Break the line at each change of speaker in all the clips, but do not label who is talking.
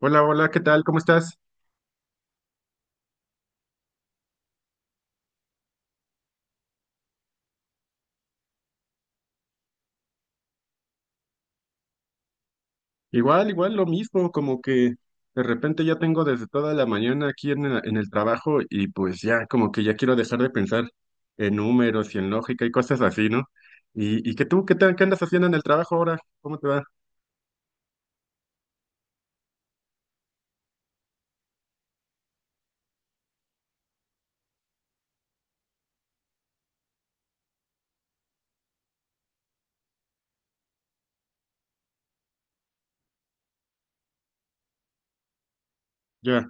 Hola, hola, ¿qué tal? ¿Cómo estás? Igual, igual, lo mismo, como que de repente ya tengo desde toda la mañana aquí en el trabajo y pues ya, como que ya quiero dejar de pensar en números y en lógica y cosas así, ¿no? ¿Y que tú, ¿qué tal? ¿Qué andas haciendo en el trabajo ahora? ¿Cómo te va? Ya.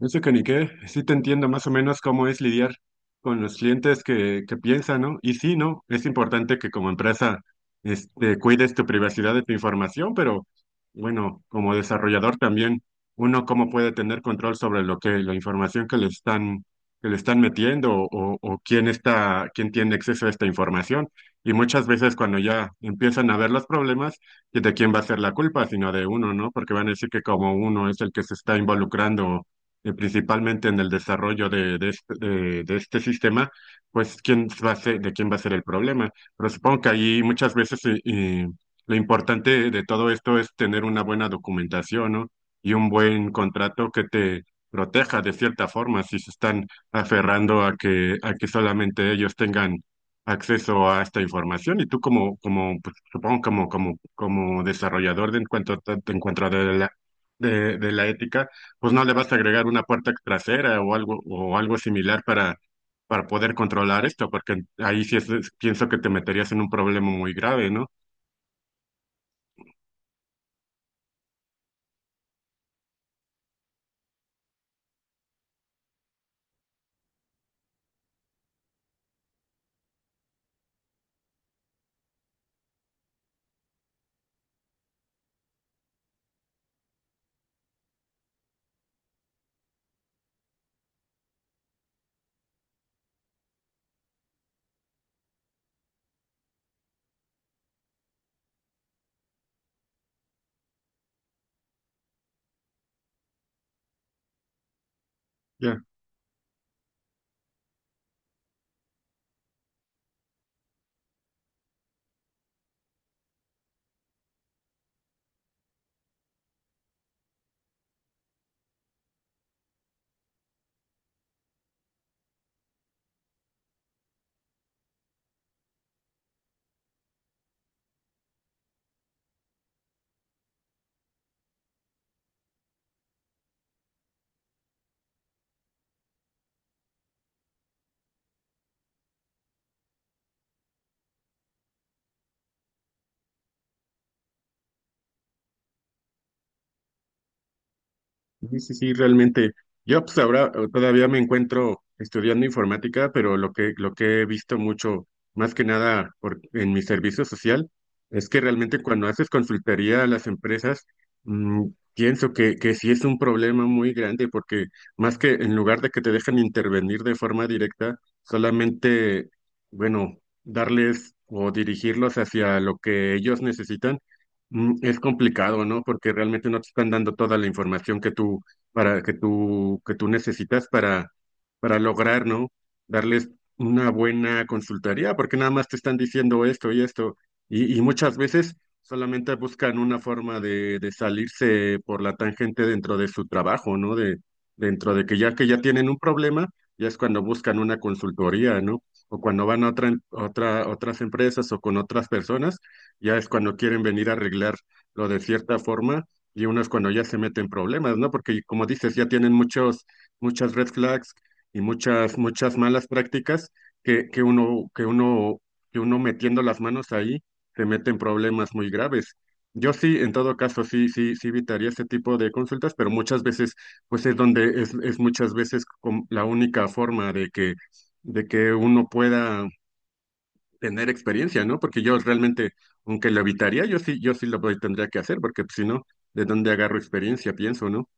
Eso que ni qué, sí te entiendo más o menos cómo es lidiar con los clientes que piensan, ¿no? Y sí, ¿no? Es importante que como empresa cuides tu privacidad de tu información, pero bueno, como desarrollador también, uno cómo puede tener control sobre lo que, la información que le están metiendo, o quién tiene acceso a esta información. Y muchas veces cuando ya empiezan a ver los problemas, ¿de quién va a ser la culpa? Sino de uno, ¿no? Porque van a decir que como uno es el que se está involucrando, principalmente en el desarrollo de este sistema, pues quién va a ser, de quién va a ser el problema. Pero supongo que ahí muchas veces lo importante de todo esto es tener una buena documentación, ¿no? Y un buen contrato que te proteja de cierta forma si se están aferrando a que solamente ellos tengan acceso a esta información, y tú como pues, supongo como desarrollador, de en cuanto te, en cuanto de la, de la ética, pues no le vas a agregar una puerta trasera o algo similar para poder controlar esto, porque ahí sí pienso que te meterías en un problema muy grave, ¿no? Ya. Sí, sí, sí, realmente. Yo pues ahora, todavía me encuentro estudiando informática, pero lo que he visto mucho, más que nada en mi servicio social, es que realmente cuando haces consultoría a las empresas, mm, pienso que sí es un problema muy grande, porque más que en lugar de que te dejen intervenir de forma directa, solamente, bueno, darles o dirigirlos hacia lo que ellos necesitan. Mm. Es complicado, ¿no? Porque realmente no te están dando toda la información que tú necesitas para lograr, ¿no? Darles una buena consultoría, porque nada más te están diciendo esto y esto y muchas veces solamente buscan una forma de salirse por la tangente dentro de su trabajo, ¿no? De dentro de que ya tienen un problema, ya es cuando buscan una consultoría, ¿no? O cuando van a otras empresas o con otras personas, ya es cuando quieren venir a arreglarlo de cierta forma, y uno es cuando ya se meten problemas, ¿no? Porque como dices, ya tienen muchas red flags y muchas malas prácticas que, que uno, que uno, que uno metiendo las manos ahí se mete en problemas muy graves. Yo sí, en todo caso, sí, sí, sí evitaría ese tipo de consultas, pero muchas veces, pues es donde es muchas veces como la única forma de que uno pueda tener experiencia, ¿no? Porque yo realmente, aunque lo evitaría, yo sí tendría que hacer, porque pues, si no, ¿de dónde agarro experiencia? Pienso, ¿no?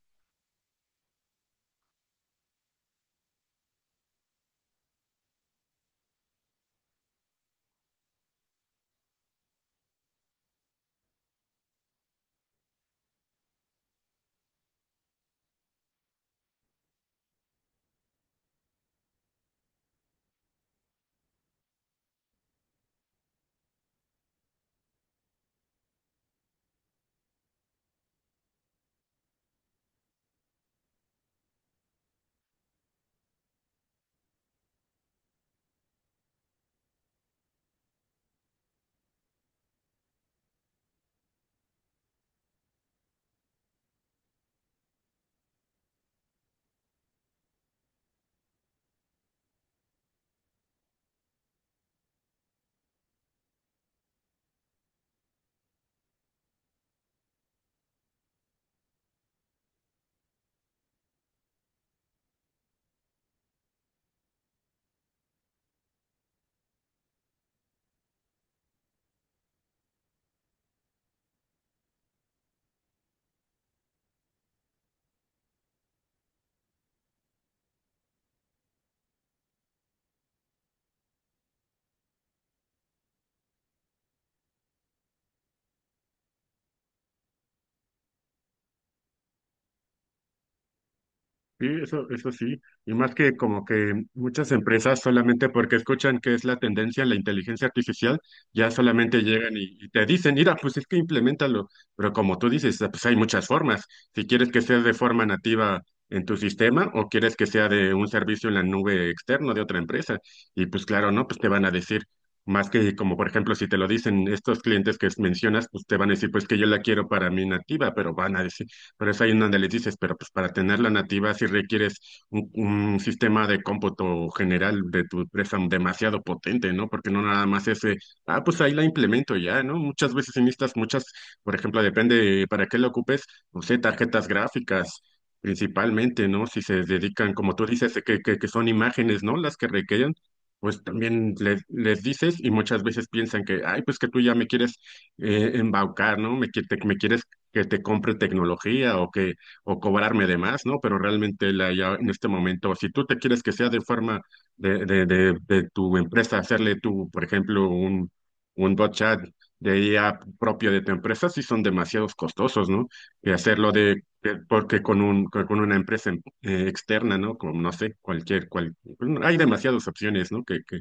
Sí, eso sí. Y más que como que muchas empresas solamente porque escuchan que es la tendencia la inteligencia artificial, ya solamente llegan y te dicen, mira, pues es que implementalo. Pero como tú dices, ah, pues hay muchas formas. Si quieres que sea de forma nativa en tu sistema, o quieres que sea de un servicio en la nube externo de otra empresa. Y pues claro, ¿no? Pues te van a decir. Más que como por ejemplo, si te lo dicen estos clientes que mencionas, pues te van a decir pues que yo la quiero para mí nativa, pero van a decir, por eso hay una donde les dices, pero pues para tenerla nativa sí requieres un sistema de cómputo general de tu empresa demasiado potente, ¿no? Porque no nada más ese, ah, pues ahí la implemento y ya, ¿no? Muchas veces en estas, muchas, por ejemplo, depende para qué lo ocupes, no sé, tarjetas gráficas. Principalmente, ¿no? Si se dedican, como tú dices, que son imágenes, ¿no? Las que requieren, pues también les dices, y muchas veces piensan que, ay, pues que tú ya me quieres, embaucar, ¿no? Me quieres que te compre tecnología, o cobrarme de más, ¿no? Pero realmente la ya en este momento, si tú te quieres que sea de forma de tu empresa, hacerle tú, por ejemplo, un bot chat de IA propio de tu empresa, sí son demasiados costosos, ¿no? Y hacerlo porque con un con una empresa externa, ¿no? Como no sé, cualquier cual hay demasiadas opciones, ¿no? Que que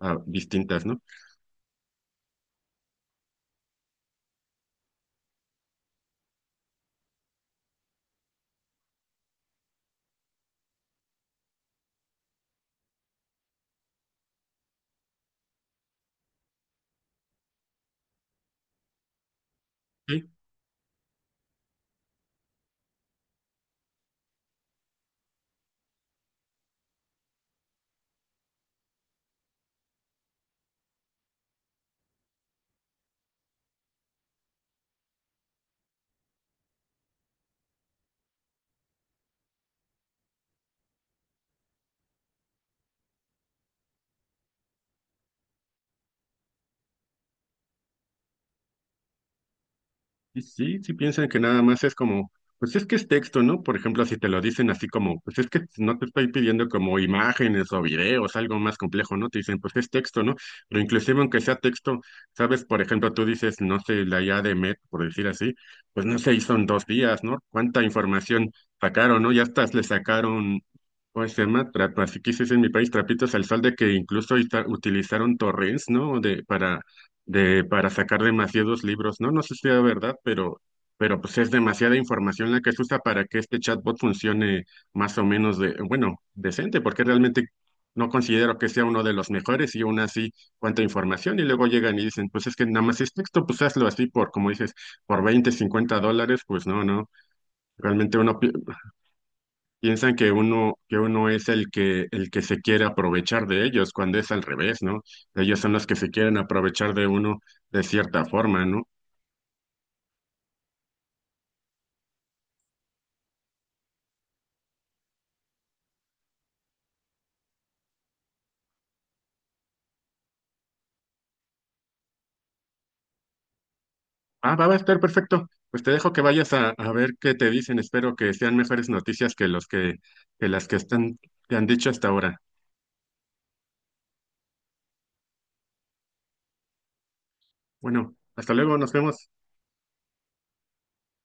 ah, Distintas, ¿no? Sí. Y sí, sí piensan que nada más es como, pues es que es texto, ¿no? Por ejemplo, si te lo dicen así como, pues es que no te estoy pidiendo como imágenes o videos, algo más complejo, ¿no? Te dicen, pues es texto, ¿no? Pero inclusive aunque sea texto, sabes, por ejemplo, tú dices, no sé, la IA de Met, por decir así, pues no se hizo en 2 días, ¿no? ¿Cuánta información sacaron? ¿No? Ya hasta le sacaron, ¿cómo se llama? Así que se dice en mi país, trapitos al sol, de que incluso utilizaron torrents, ¿no? De para sacar demasiados libros, ¿no? No sé si sea verdad, pero, pues es demasiada información la que se usa para que este chatbot funcione más o menos bueno, decente, porque realmente no considero que sea uno de los mejores, y aún así cuánta información, y luego llegan y dicen, pues es que nada más es texto, pues hazlo así por, como dices, por $20, $50, pues no, no, realmente piensan que uno es el que se quiere aprovechar de ellos, cuando es al revés, ¿no? Ellos son los que se quieren aprovechar de uno de cierta forma, ¿no? Ah, va a estar perfecto. Pues te dejo que vayas a ver qué te dicen. Espero que sean mejores noticias que las te han dicho hasta ahora. Bueno, hasta luego, nos vemos.